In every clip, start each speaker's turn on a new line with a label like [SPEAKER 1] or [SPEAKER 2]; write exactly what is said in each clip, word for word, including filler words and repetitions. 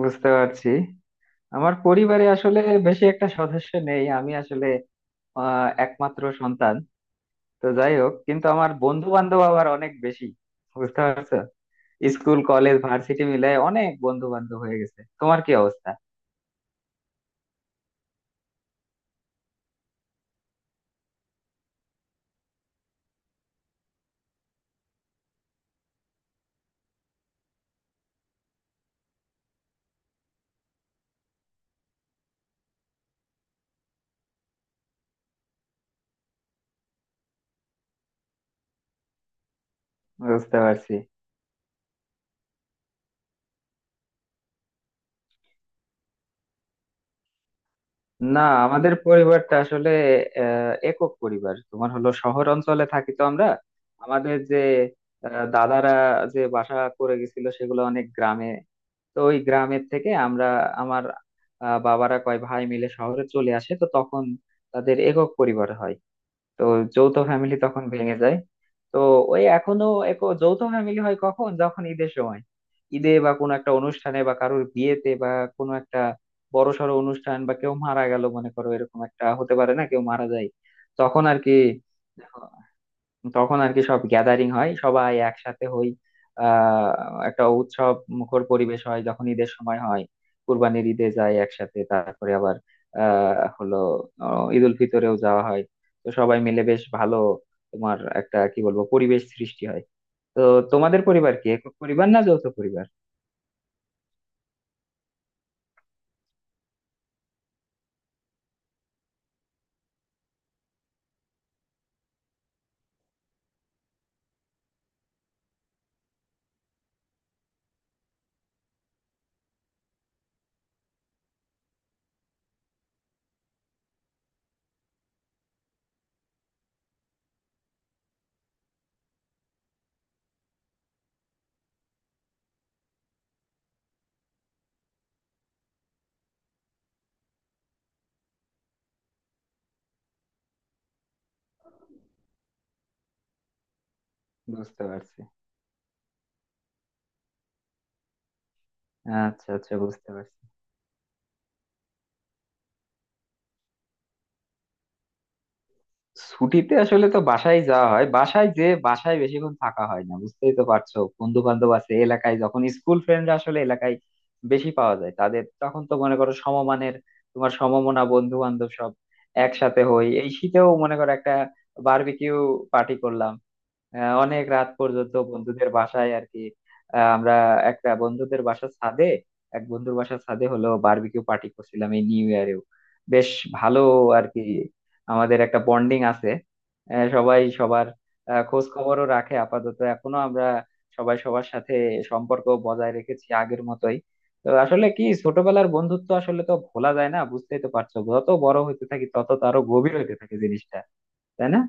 [SPEAKER 1] বুঝতে পারছি। আমার পরিবারে আসলে বেশি একটা সদস্য নেই। আমি আসলে আহ, একমাত্র সন্তান। তো যাই হোক, কিন্তু আমার বন্ধু বান্ধব আবার অনেক বেশি। বুঝতে পারছো, স্কুল কলেজ ভার্সিটি মিলায় অনেক বন্ধু বান্ধব হয়ে গেছে। তোমার কি অবস্থা? বুঝতে পারছি। না, আমাদের পরিবারটা আসলে আহ, একক পরিবার। তোমার হলো শহর অঞ্চলে থাকি তো আমরা। আমাদের যে আহ, দাদারা যে বাসা করে গেছিল সেগুলো অনেক গ্রামে। তো ওই গ্রামের থেকে আমরা, আমার আহ, বাবারা কয় ভাই মিলে শহরে চলে আসে। তো তখন তাদের একক পরিবার হয়। তো যৌথ ফ্যামিলি তখন ভেঙে যায়। তো ওই এখনো একক যৌথ ফ্যামিলি হয় কখন, যখন ঈদের সময়। ঈদে বা কোনো একটা অনুষ্ঠানে বা কারোর বিয়েতে বা কোনো একটা বড়সড় অনুষ্ঠান, বা কেউ মারা গেল মনে করো, এরকম একটা হতে পারে না, কেউ মারা যায়, তখন আর কি। তখন আর কি, সব গ্যাদারিং হয়, সবাই একসাথে হই। আহ, একটা উৎসব মুখর পরিবেশ হয় যখন ঈদের সময় হয়। কুরবানির ঈদে যায় একসাথে, তারপরে আবার আহ হলো আহ, ঈদ উল ফিতরেও যাওয়া হয়। তো সবাই মিলে বেশ ভালো, তোমার একটা কি বলবো, পরিবেশ সৃষ্টি হয়। তো তোমাদের পরিবার কি একক পরিবার না যৌথ পরিবার? বুঝতে পারছি। আচ্ছা আচ্ছা, বুঝতে পারছি। ছুটিতে আসলে তো বাসায় যাওয়া হয়, বাসায় যে বাসায় বেশিক্ষণ থাকা হয় না, বুঝতেই তো পারছো। বন্ধু বান্ধব আছে এলাকায়, যখন স্কুল ফ্রেন্ডরা আসলে এলাকায় বেশি পাওয়া যায় তাদের, তখন তো মনে করো সমমানের, তোমার সমমনা বন্ধু বান্ধব সব একসাথে হই। এই শীতেও মনে করো একটা বারবিকিউ পার্টি করলাম। আহ, অনেক রাত পর্যন্ত বন্ধুদের বাসায় আর কি। আহ, আমরা একটা বন্ধুদের বাসার ছাদে, এক বন্ধুর বাসার ছাদে হলো বারবিকিউ পার্টি করছিলাম এই নিউ ইয়ারেও। বেশ ভালো আর কি। আমাদের একটা বন্ডিং আছে। আহ, সবাই সবার আহ, খোঁজ খবরও রাখে। আপাতত এখনো আমরা সবাই সবার সাথে সম্পর্ক বজায় রেখেছি আগের মতোই। তো আসলে কি, ছোটবেলার বন্ধুত্ব আসলে তো ভোলা যায় না, বুঝতেই তো পারছো। যত বড় হতে থাকি তত তারও গভীর হতে থাকে জিনিসটা, তাই না?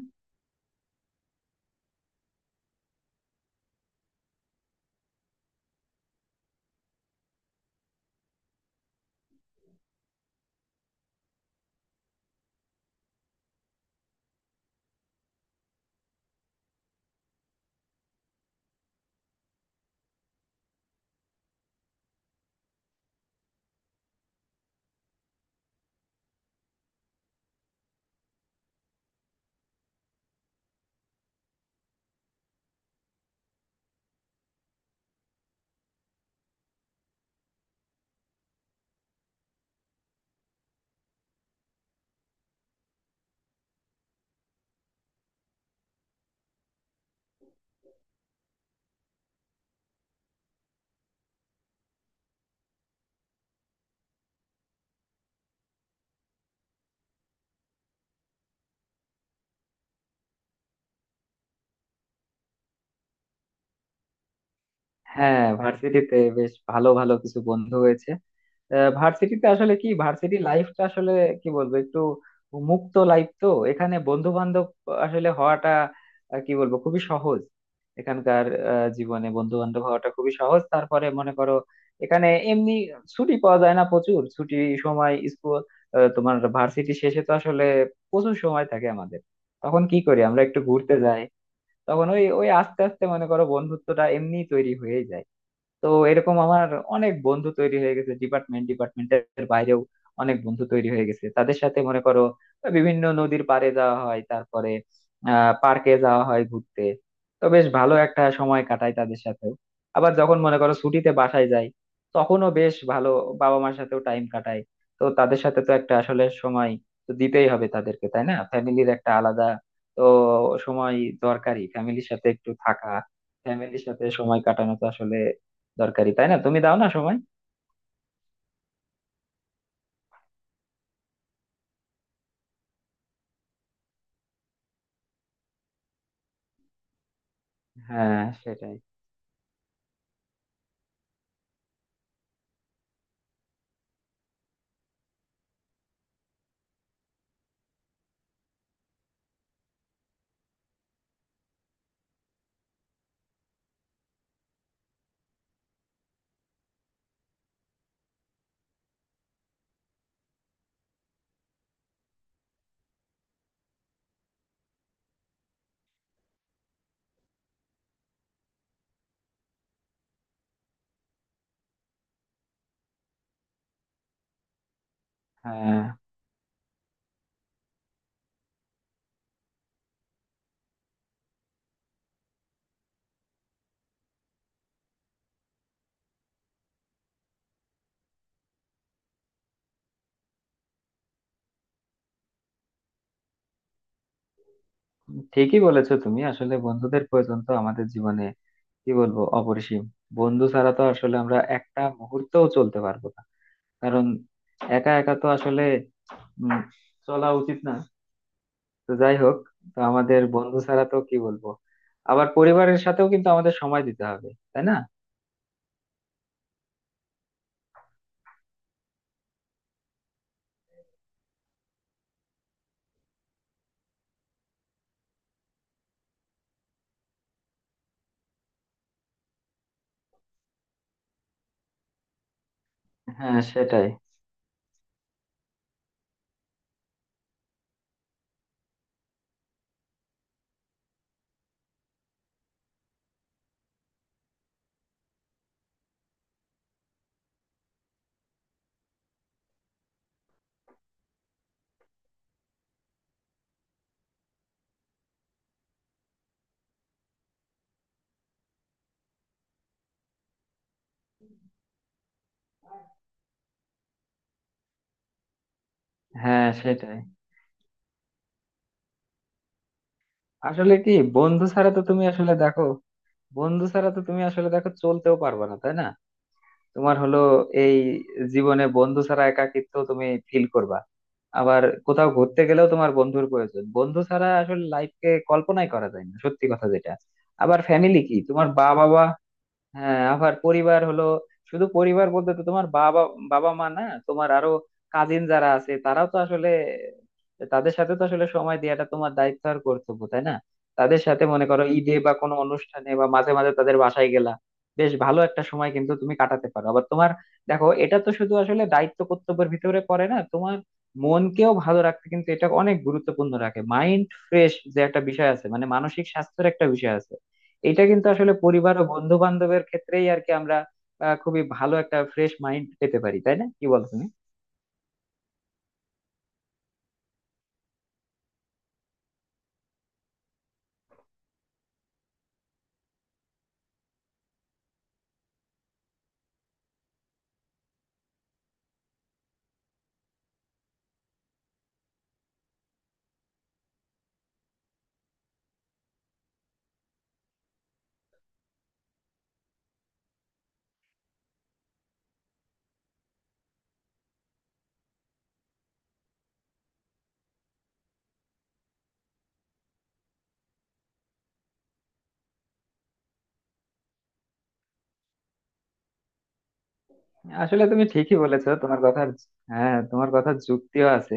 [SPEAKER 1] হ্যাঁ, ভার্সিটিতে বেশ ভালো ভালো কিছু বন্ধু হয়েছে। আহ, ভার্সিটিতে আসলে কি, ভার্সিটি লাইফটা আসলে কি বলবো, একটু মুক্ত লাইফ তো। এখানে বন্ধু বান্ধব আসলে হওয়াটা আহ, কি বলবো, খুবই সহজ। এখানকার আহ, জীবনে বন্ধু বান্ধব হওয়াটা খুবই সহজ। তারপরে মনে করো এখানে এমনি ছুটি পাওয়া যায় না, প্রচুর ছুটি সময় স্কুল আহ, তোমার ভার্সিটি শেষে তো আসলে প্রচুর সময় থাকে আমাদের। তখন কি করি, আমরা একটু ঘুরতে যাই। তখন ওই ওই আস্তে আস্তে মনে করো বন্ধুত্বটা এমনি তৈরি হয়ে যায়। তো এরকম আমার অনেক বন্ধু তৈরি হয়ে গেছে, ডিপার্টমেন্ট ডিপার্টমেন্টের বাইরেও অনেক বন্ধু তৈরি হয়ে গেছে। তাদের সাথে মনে করো বিভিন্ন নদীর পাড়ে যাওয়া হয়, তারপরে আহ পার্কে যাওয়া হয় ঘুরতে। তো বেশ ভালো একটা সময় কাটাই তাদের সাথেও। আবার যখন মনে করো ছুটিতে বাসায় যাই, তখনও বেশ ভালো বাবা মার সাথেও টাইম কাটাই। তো তাদের সাথে তো একটা আসলে সময় তো দিতেই হবে তাদেরকে, তাই না? ফ্যামিলির একটা আলাদা তো সময় দরকারি, ফ্যামিলির সাথে একটু থাকা, ফ্যামিলির সাথে সময় কাটানো তো আসলে দরকারি, তাই না? তুমি দাও না সময়? হ্যাঁ সেটাই। হ্যাঁ ঠিকই বলেছো তুমি, আসলে বন্ধুদের প্রয়োজন তো আমাদের জীবনে কি বলবো, অপরিসীম। বন্ধু ছাড়া তো আসলে আমরা একটা মুহূর্তও চলতে পারবো না। কারণ একা একা তো আসলে উম, চলা উচিত না। তো যাই হোক। তো আমাদের বন্ধু ছাড়া তো কি বলবো, আবার পরিবারের সাথেও কিন্তু আমাদের সময় দিতে হবে, তাই না? হ্যাঁ সেটাই। হ্যাঁ সেটাই। আসলে কি, বন্ধু ছাড়া তো তুমি আসলে দেখো, বন্ধু ছাড়া তো তুমি আসলে দেখো চলতেও পারবে না, তাই না? তোমার হলো এই জীবনে বন্ধু ছাড়া একাকিত্ব তুমি ফিল করবা। আবার কোথাও ঘুরতে গেলেও তোমার বন্ধুর প্রয়োজন। বন্ধু ছাড়া আসলে লাইফকে কল্পনাই করা যায় না, সত্যি কথা যেটা। আবার ফ্যামিলি কি, তোমার বাবা মা। হ্যাঁ, আবার পরিবার হলো, শুধু পরিবার বলতে তো তোমার বাবা বাবা মা না, তোমার আরো কাজিন যারা আছে তারাও তো আসলে, তাদের সাথে তো আসলে সময় দেওয়াটা তোমার দায়িত্ব আর কর্তব্য, তাই না? তাদের সাথে মনে করো ঈদে বা কোনো অনুষ্ঠানে বা মাঝে মাঝে তাদের বাসায় গেলা বেশ ভালো একটা সময় কিন্তু তুমি কাটাতে পারো। আবার তোমার দেখো, এটা তো শুধু আসলে দায়িত্ব কর্তব্যের ভিতরে পড়ে না, তোমার মনকেও ভালো রাখতে কিন্তু এটা অনেক গুরুত্বপূর্ণ রাখে। মাইন্ড ফ্রেশ যে একটা বিষয় আছে, মানে মানসিক স্বাস্থ্যের একটা বিষয় আছে, এটা কিন্তু আসলে পরিবার ও বন্ধু বান্ধবের ক্ষেত্রেই আর কি আমরা আহ, খুবই ভালো একটা ফ্রেশ মাইন্ড পেতে পারি, তাই না? কি বল তুমি? আসলে তুমি ঠিকই বলেছো, তোমার কথার, হ্যাঁ তোমার কথার যুক্তিও আছে।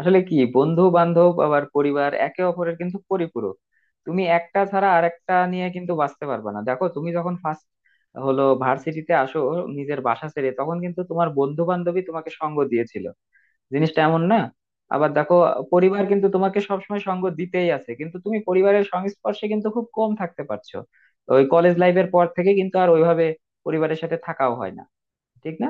[SPEAKER 1] আসলে কি, বন্ধু বান্ধব আবার পরিবার একে অপরের কিন্তু পরিপূরক। তুমি একটা ছাড়া আরেকটা নিয়ে কিন্তু বাঁচতে পারবে না। দেখো তুমি যখন ফার্স্ট হলো ভার্সিটিতে আসো নিজের বাসা ছেড়ে, তখন কিন্তু তোমার বন্ধু বান্ধবী তোমাকে সঙ্গ দিয়েছিল, জিনিসটা এমন না? আবার দেখো, পরিবার কিন্তু তোমাকে সবসময় সঙ্গ দিতেই আছে, কিন্তু তুমি পরিবারের সংস্পর্শে কিন্তু খুব কম থাকতে পারছো। ওই কলেজ লাইফের পর থেকে কিন্তু আর ওইভাবে পরিবারের সাথে থাকাও হয় না, ঠিক না?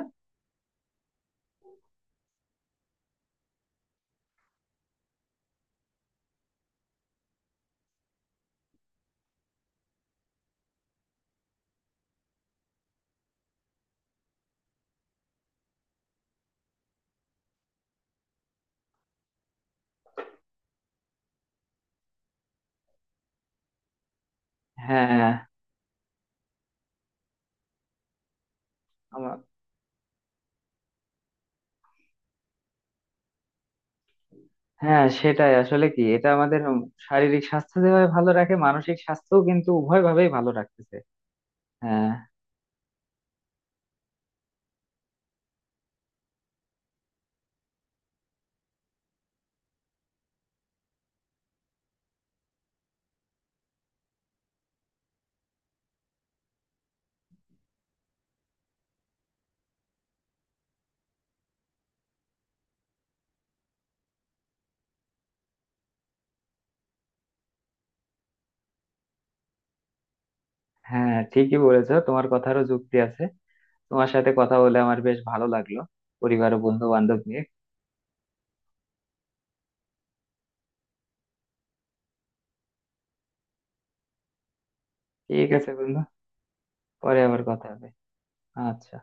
[SPEAKER 1] হ্যাঁ আমার, হ্যাঁ সেটাই। আসলে কি এটা আমাদের শারীরিক স্বাস্থ্য যেভাবে ভালো রাখে, মানসিক স্বাস্থ্যও কিন্তু উভয় ভাবেই ভালো রাখতেছে। হ্যাঁ। হ্যাঁ ঠিকই বলেছো, তোমার কথারও যুক্তি আছে। তোমার সাথে কথা বলে আমার বেশ ভালো লাগলো পরিবার ও বন্ধু বান্ধব নিয়ে। ঠিক আছে বন্ধু, পরে আবার কথা হবে। আচ্ছা।